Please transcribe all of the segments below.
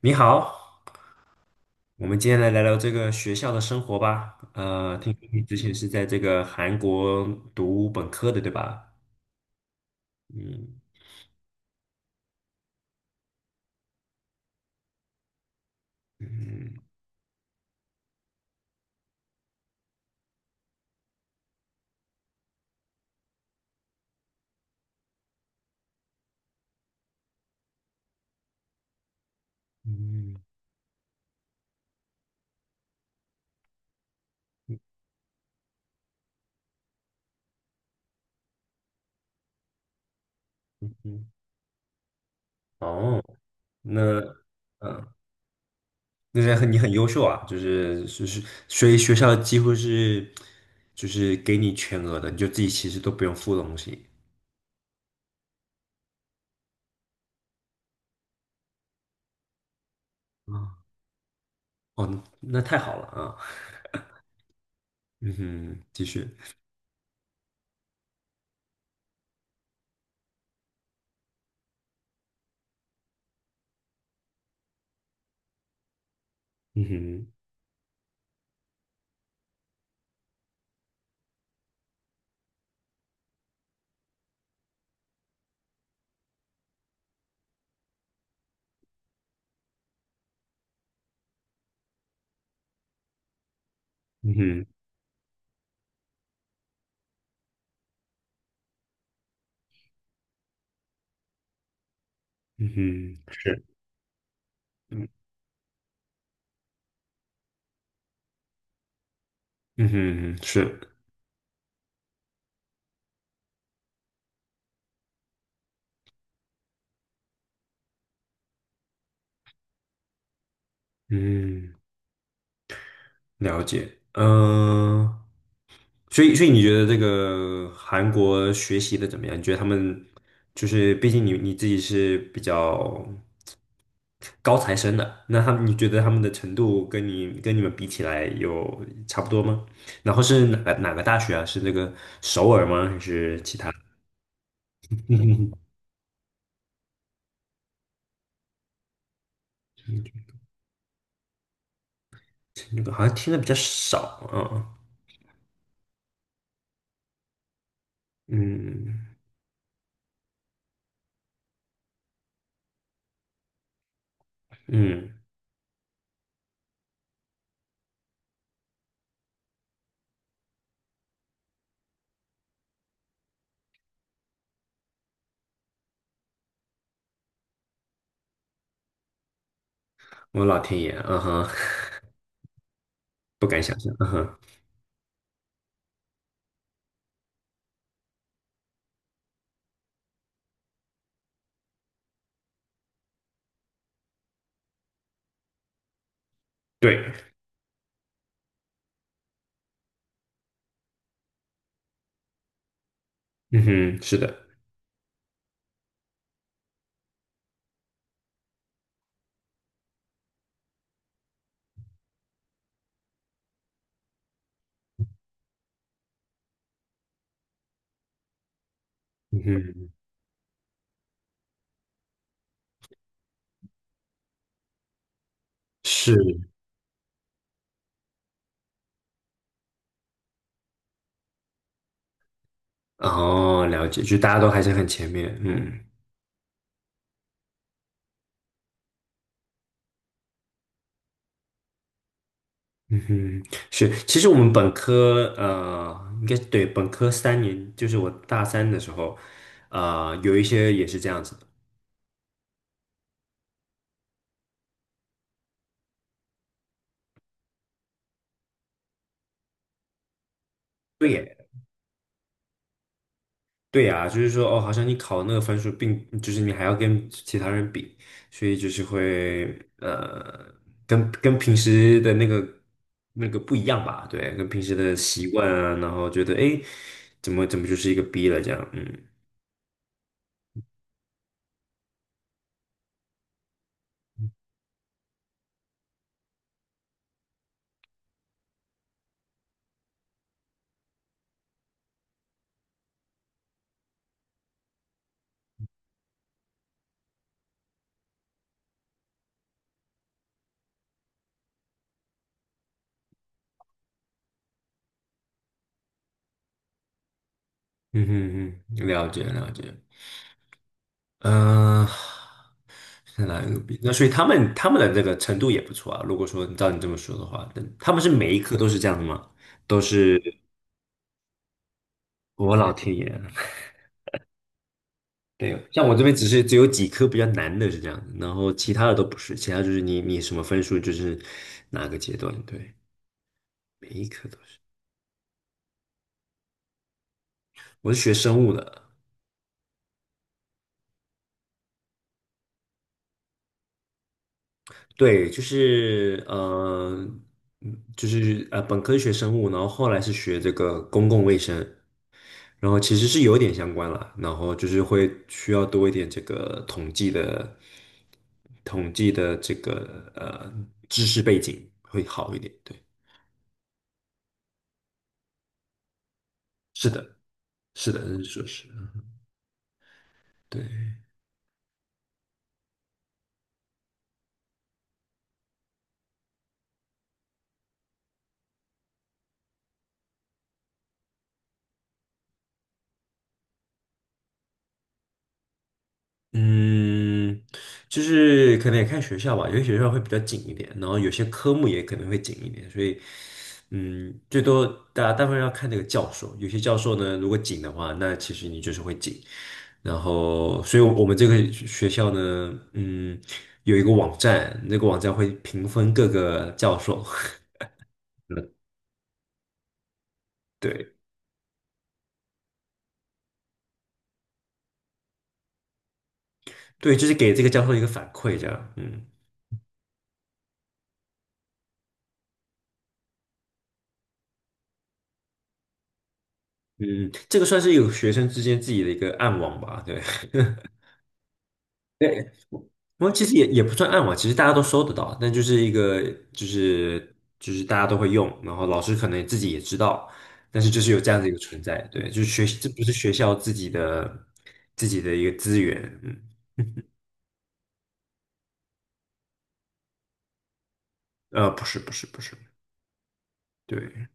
你好，我们今天来聊聊这个学校的生活吧。听说你之前是在这个韩国读本科的，对吧？嗯嗯嗯嗯。嗯哦，那嗯，那是你很优秀啊，就是所以学校几乎是就是给你全额的，你就自己其实都不用付东西。啊，哦，那太好了啊。嗯哼，继续。嗯哼，嗯哼，嗯哼，是，嗯嗯哼，是。嗯，了解。嗯、所以你觉得这个韩国学习的怎么样？你觉得他们就是，毕竟你自己是比较高材生的，那他们你觉得他们的程度跟你们比起来有差不多吗？然后是哪个大学啊？是那个首尔吗？还是其他？嗯那个好像听的比较少，啊。嗯嗯，我老天爷，嗯哼，不敢想象，嗯哼，对。嗯哼，是的，嗯哼，是，哦，了解，就大家都还是很前面，嗯嗯哼，是，其实我们本科，应该对，本科3年，就是我大三的时候，有一些也是这样子的，对耶对呀，就是说，哦，好像你考那个分数就是你还要跟其他人比，所以就是会呃，跟平时的那个不一样吧？对，跟平时的习惯啊，然后觉得诶，怎么就是一个 B 了这样？嗯嗯嗯嗯，了解了解。嗯、是哪一个 B？那所以他们的这个程度也不错啊。如果说照你这么说的话，但他们是每一科都是这样的吗？都是我老天爷啊！对，像我这边只是只有几科比较难的是这样的，然后其他的都不是，其他就是你什么分数就是哪个阶段，对，每一科都是。我是学生物的，对，就是，本科学生物，然后后来是学这个公共卫生，然后其实是有点相关啦，然后就是会需要多一点这个统计的这个知识背景会好一点，对，是的，是的，是硕士对。嗯，就是可能也看学校吧，有些学校会比较紧一点，然后有些科目也可能会紧一点，所以，最多大家大部分要看那个教授，有些教授呢，如果紧的话，那其实你就是会紧。然后，所以我们这个学校呢，有一个网站，那个网站会评分各个教授，嗯对对，就是给这个教授一个反馈，这样，嗯，这个算是有学生之间自己的一个暗网吧，对。我其实也不算暗网，其实大家都搜得到，但就是一个就是大家都会用，然后老师可能自己也知道，但是就是有这样的一个存在，对，就是不是学校自己的一个资源，嗯，不是不是不是，对，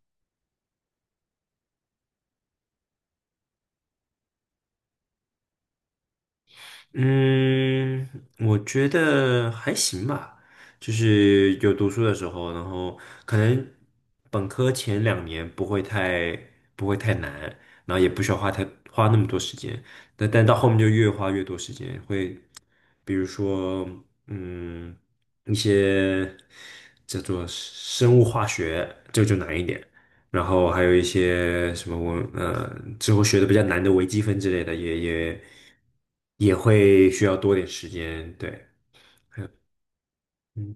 嗯，我觉得还行吧，就是有读书的时候，然后可能本科前两年不会太难，然后也不需要花那么多时间，但到后面就越花越多时间，会比如说嗯一些叫做生物化学，这个就难一点。然后还有一些什么我之后学的比较难的微积分之类的，也会需要多点时间。对，还有嗯，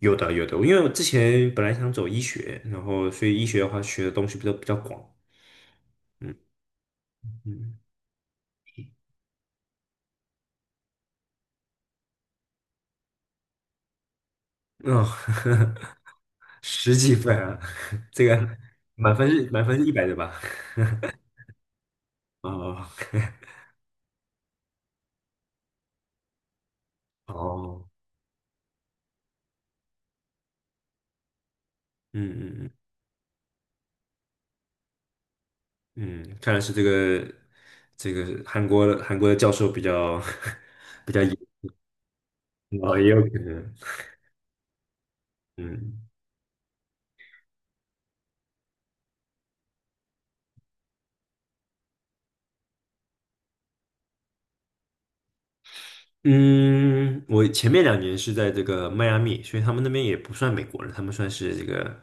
有的有的，因为我之前本来想走医学，然后所以医学的话学的东西比较广。嗯，哦，十几分啊，这个满分是100的吧？哦哦，嗯嗯嗯嗯，看来是这个韩国的教授比较 比较严。哦，也有可能，嗯嗯，我前面两年是在这个迈阿密，所以他们那边也不算美国人，他们算是这个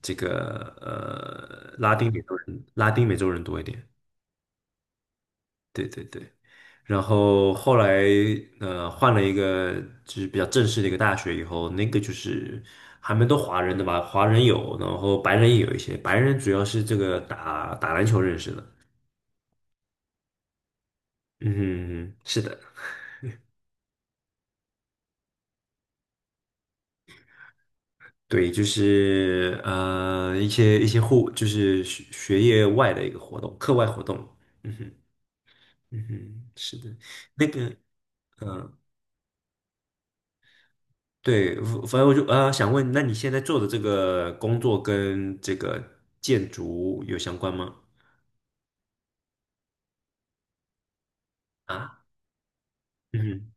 拉丁美洲人，拉丁美洲人多一点，对对对。然后后来换了一个就是比较正式的一个大学以后，那个就是还蛮多华人的吧，华人有，然后白人也有一些，白人主要是这个打打篮球认识的，嗯，是的。对，就是一些就是学业外的一个活动，课外活动。嗯哼，嗯哼，是的，那个对，反正我就想问，那你现在做的这个工作跟这个建筑有相关吗？啊，嗯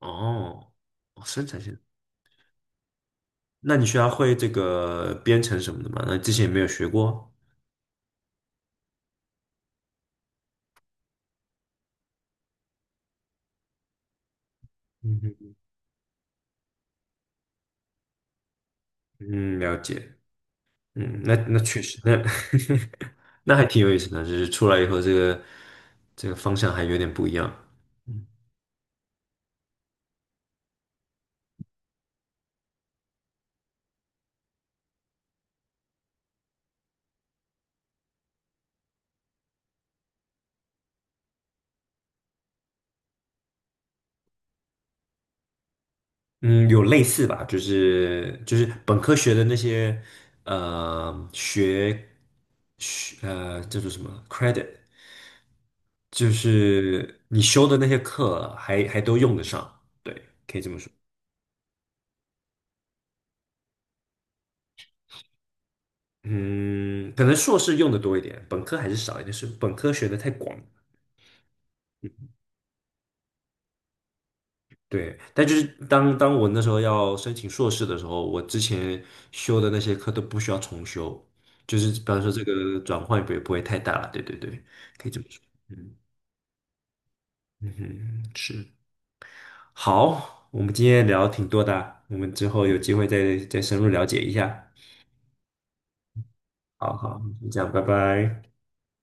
哼，哦，哦，生产线，那你需要会这个编程什么的吗？那之前有没有学过。嗯哼，嗯，了解。嗯，那确实，那 那还挺有意思的，就是出来以后，这个方向还有点不一样。嗯，嗯有类似吧，就是本科学的那些呃学学呃叫做什么 credit，就是你修的那些课还都用得上。对，嗯，可能硕士用的多一点，本科还是少一点，是本科学的太广。对，但就是当我那时候要申请硕士的时候，我之前修的那些课都不需要重修，就是比方说这个转换也不会太大了。对对对，可以这么说。嗯嗯哼，是。好，我们今天聊挺多的啊，我们之后有机会再深入了解一下。好好，就这样，拜拜。